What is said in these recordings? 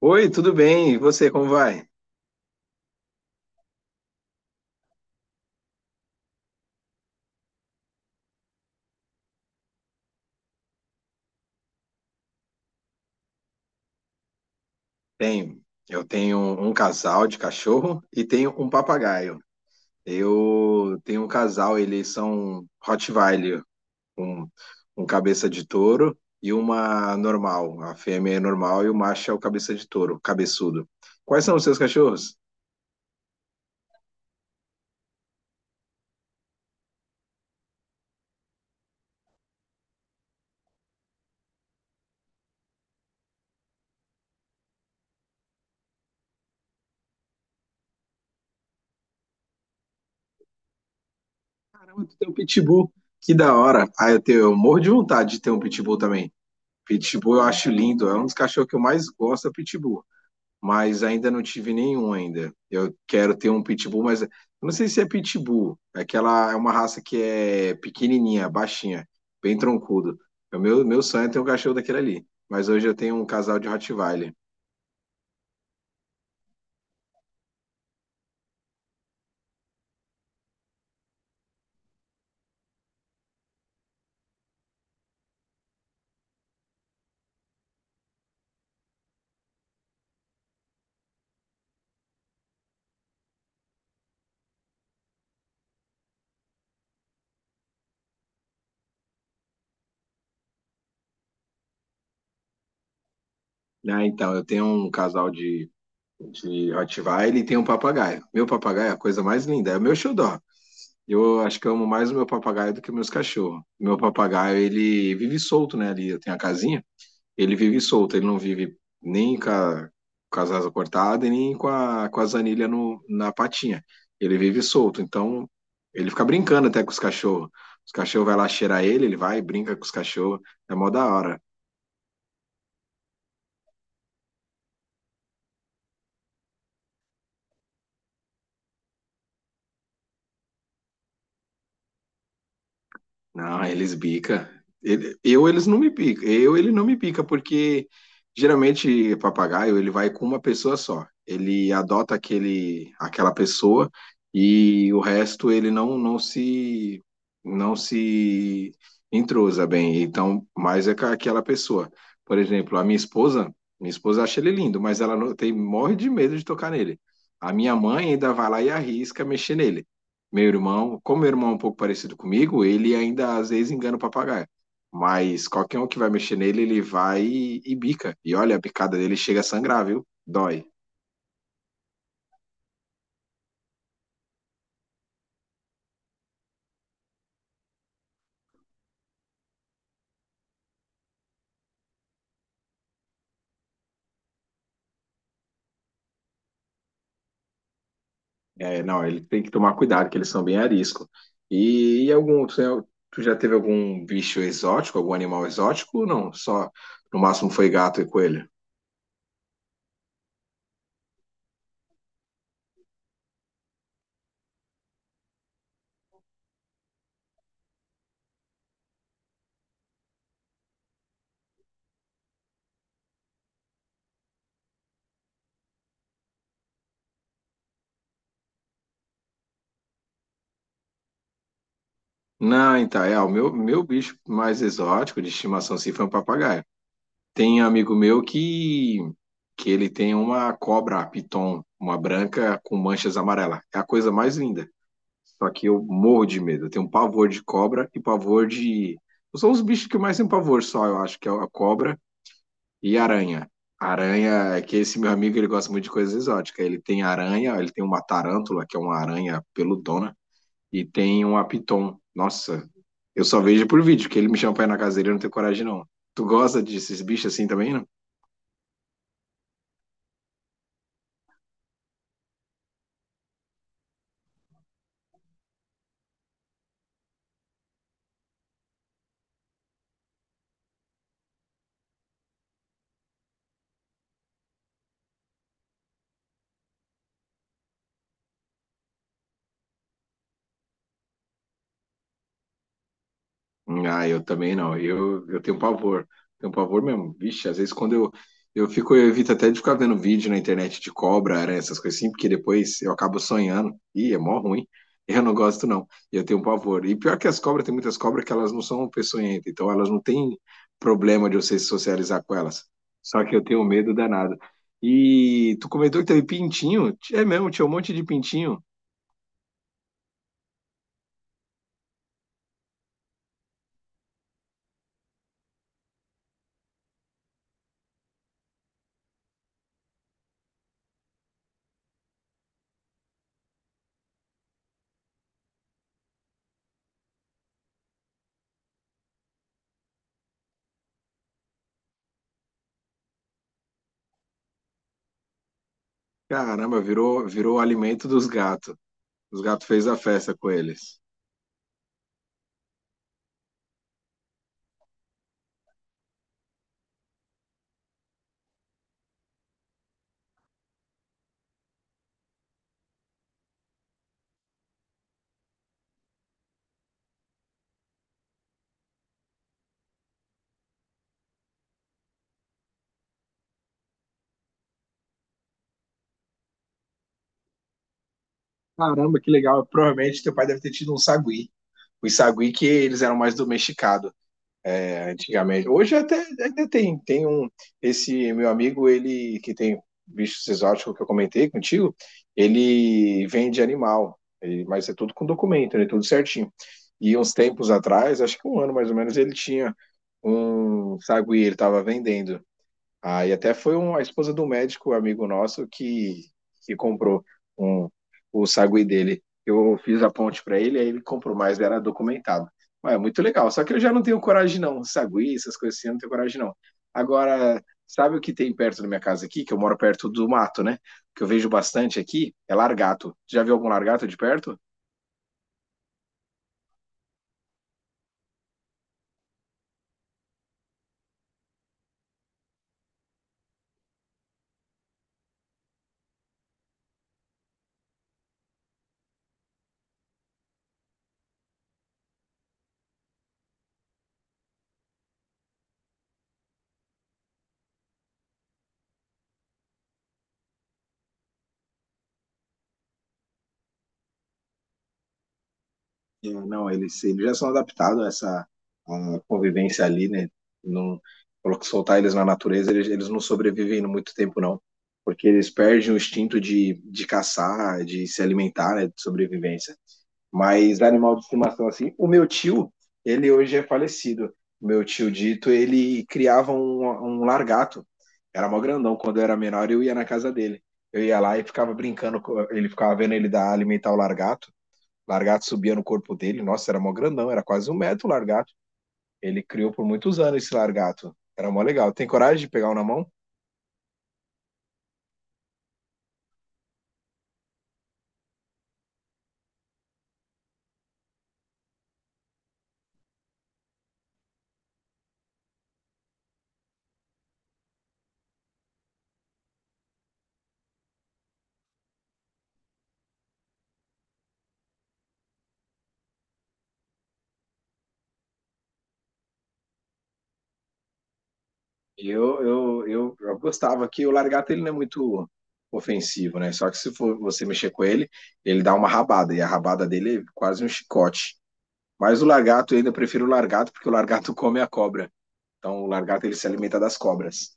Oi, tudo bem? E você, como vai? Tenho. Eu tenho um casal de cachorro e tenho um papagaio. Eu tenho um casal, eles são Rottweiler, um, um cabeça de touro e uma normal. A fêmea é normal e o macho é o cabeça de touro, cabeçudo. Quais são os seus cachorros? Caramba, tu tem um pitbull. Que da hora. Ah, eu morro de vontade de ter um pitbull também. Pitbull eu acho lindo, é um dos cachorros que eu mais gosto, é pitbull. Mas ainda não tive nenhum ainda. Eu quero ter um pitbull, mas eu não sei se é pitbull. Aquela é uma raça que é pequenininha, baixinha, bem troncudo. É. Meu sonho é ter um cachorro daquele ali. Mas hoje eu tenho um casal de Rottweiler. Ah, então, eu tenho um casal de Rottweiler e tenho um papagaio. Meu papagaio é a coisa mais linda, é o meu xodó. Eu acho que eu amo mais o meu papagaio do que os meus cachorros. Meu papagaio, ele vive solto, né, ali. Eu tenho a casinha. Ele vive solto, ele não vive nem com as asas cortadas e nem com as anilhas no, na patinha. Ele vive solto, então ele fica brincando até com os cachorros. Os cachorros vai lá cheirar ele, ele vai, e brinca com os cachorros. É mó da hora. Não, eles bica. Ele- eu eles não me pica. Eu ele não me pica porque geralmente papagaio ele vai com uma pessoa só. Ele adota aquele aquela pessoa e o resto ele não se entrosa bem. Então, mais é com aquela pessoa. Por exemplo, a minha esposa acha ele lindo, mas ela não, tem morre de medo de tocar nele. A minha mãe ainda vai lá e arrisca mexer nele. Meu irmão, como meu irmão é um pouco parecido comigo, ele ainda às vezes engana o papagaio. Mas qualquer um que vai mexer nele, ele vai e bica. E olha, a picada dele chega a sangrar, viu? Dói. É, não, ele tem que tomar cuidado, que eles são bem arisco. E tu já teve algum bicho exótico, algum animal exótico? Ou não, só no máximo foi gato e coelho. Não, então, é, o meu bicho mais exótico de estimação, assim, foi um papagaio. Tem um amigo meu que ele tem uma cobra piton, uma branca com manchas amarelas. É a coisa mais linda. Só que eu morro de medo. Eu tenho um pavor de cobra e pavor de. São os bichos que eu mais tenho pavor só, eu acho, que é a cobra e aranha. Aranha, é que esse meu amigo ele gosta muito de coisas exóticas. Ele tem aranha, ele tem uma tarântula, que é uma aranha peludona, e tem um piton. Nossa, eu só vejo por vídeo, que ele me chama pra ir na casa dele, eu não tenho coragem, não. Tu gosta desses bichos assim também, não? Ah, eu também não. Eu tenho pavor. Tenho pavor mesmo. Vixe, às vezes quando eu evito até de ficar vendo vídeo na internet de cobra, aranha, essas coisas assim, porque depois eu acabo sonhando. Ih, é mó ruim. Eu não gosto, não. Eu tenho pavor. E pior que as cobras, tem muitas cobras que elas não são peçonhentas, então elas não têm problema de você se socializar com elas. Só que eu tenho medo danado. E tu comentou que teve pintinho? É mesmo, tinha um monte de pintinho. Caramba, virou alimento dos gatos. Os gatos fez a festa com eles. Caramba, que legal. Provavelmente teu pai deve ter tido um sagui. Os sagui que eles eram mais domesticados, né, antigamente. Hoje até ainda tem, tem esse meu amigo, ele que tem bichos exóticos que eu comentei contigo, ele vende animal, ele- mas é tudo com documento, né, tudo certinho. E uns tempos atrás, acho que um ano mais ou menos, ele tinha um sagui, ele estava vendendo. Aí até foi a esposa do médico, amigo nosso, que comprou um, o sagui dele. Eu fiz a ponte para ele, aí ele comprou, mas era documentado. Mas é muito legal. Só que eu já não tenho coragem, não. Sagui, essas coisas assim, eu não tenho coragem, não. Agora, sabe o que tem perto da minha casa aqui? Que eu moro perto do mato, né? Que eu vejo bastante aqui, é largato. Já viu algum largato de perto? É, não, eles já são adaptados a convivência ali, né? Não, colo- soltar eles na natureza, eles não sobrevivem muito tempo, não. Porque eles perdem o instinto de caçar, de se alimentar, né? De sobrevivência. Mas animal de estimação, assim, o meu tio, ele hoje é falecido. Meu tio Dito, ele criava um largato. Era mó grandão. Quando eu era menor, eu ia na casa dele. Eu ia lá e ficava brincando, ele ficava vendo ele dar alimentar o largato. Largato subia no corpo dele, nossa, era mó grandão, era quase um metro o largato. Ele criou por muitos anos esse largato. Era mó legal. Tem coragem de pegar um na mão? Eu gostava que o largato ele não é muito ofensivo, né? Só que se for você mexer com ele, ele dá uma rabada, e a rabada dele é quase um chicote. Mas o largato, eu ainda prefiro o largato, porque o largato come a cobra. Então o largato ele se alimenta das cobras.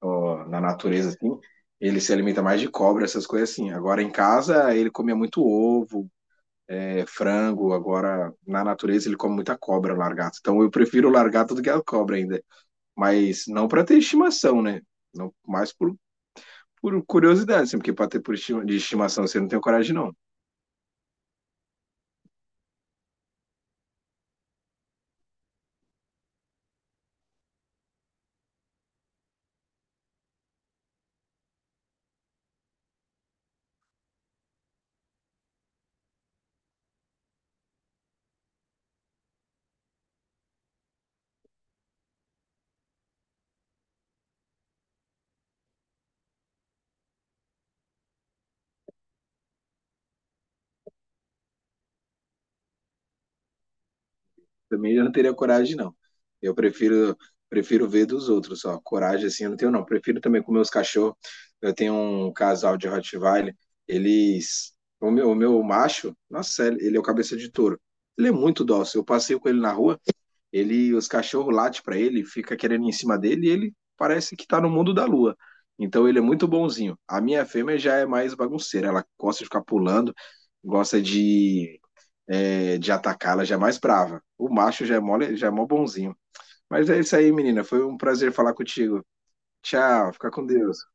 Ó, na natureza, assim, ele se alimenta mais de cobra, essas coisas assim. Agora em casa, ele comia muito ovo, é, frango, agora na natureza ele come muita cobra, o largato. Então eu prefiro o largato do que a cobra ainda. Mas não para ter estimação, né? Não, mais por curiosidade, assim, porque para ter por estima, de estimação você não tem coragem, não. Também eu não teria coragem, não. Eu prefiro ver dos outros. Só coragem assim eu não tenho, não. Prefiro também com meus cachorros. Eu tenho um casal de Rottweiler, eles. O meu macho, nossa, ele é o cabeça de touro. Ele é muito dócil. Eu passeio com ele na rua. Os cachorros latem para ele, fica querendo ir em cima dele e ele parece que tá no mundo da lua. Então ele é muito bonzinho. A minha fêmea já é mais bagunceira, ela gosta de ficar pulando, gosta de atacar, ela já é mais brava. O macho já é mole, já é mó bonzinho. Mas é isso aí, menina. Foi um prazer falar contigo. Tchau, fica com Deus.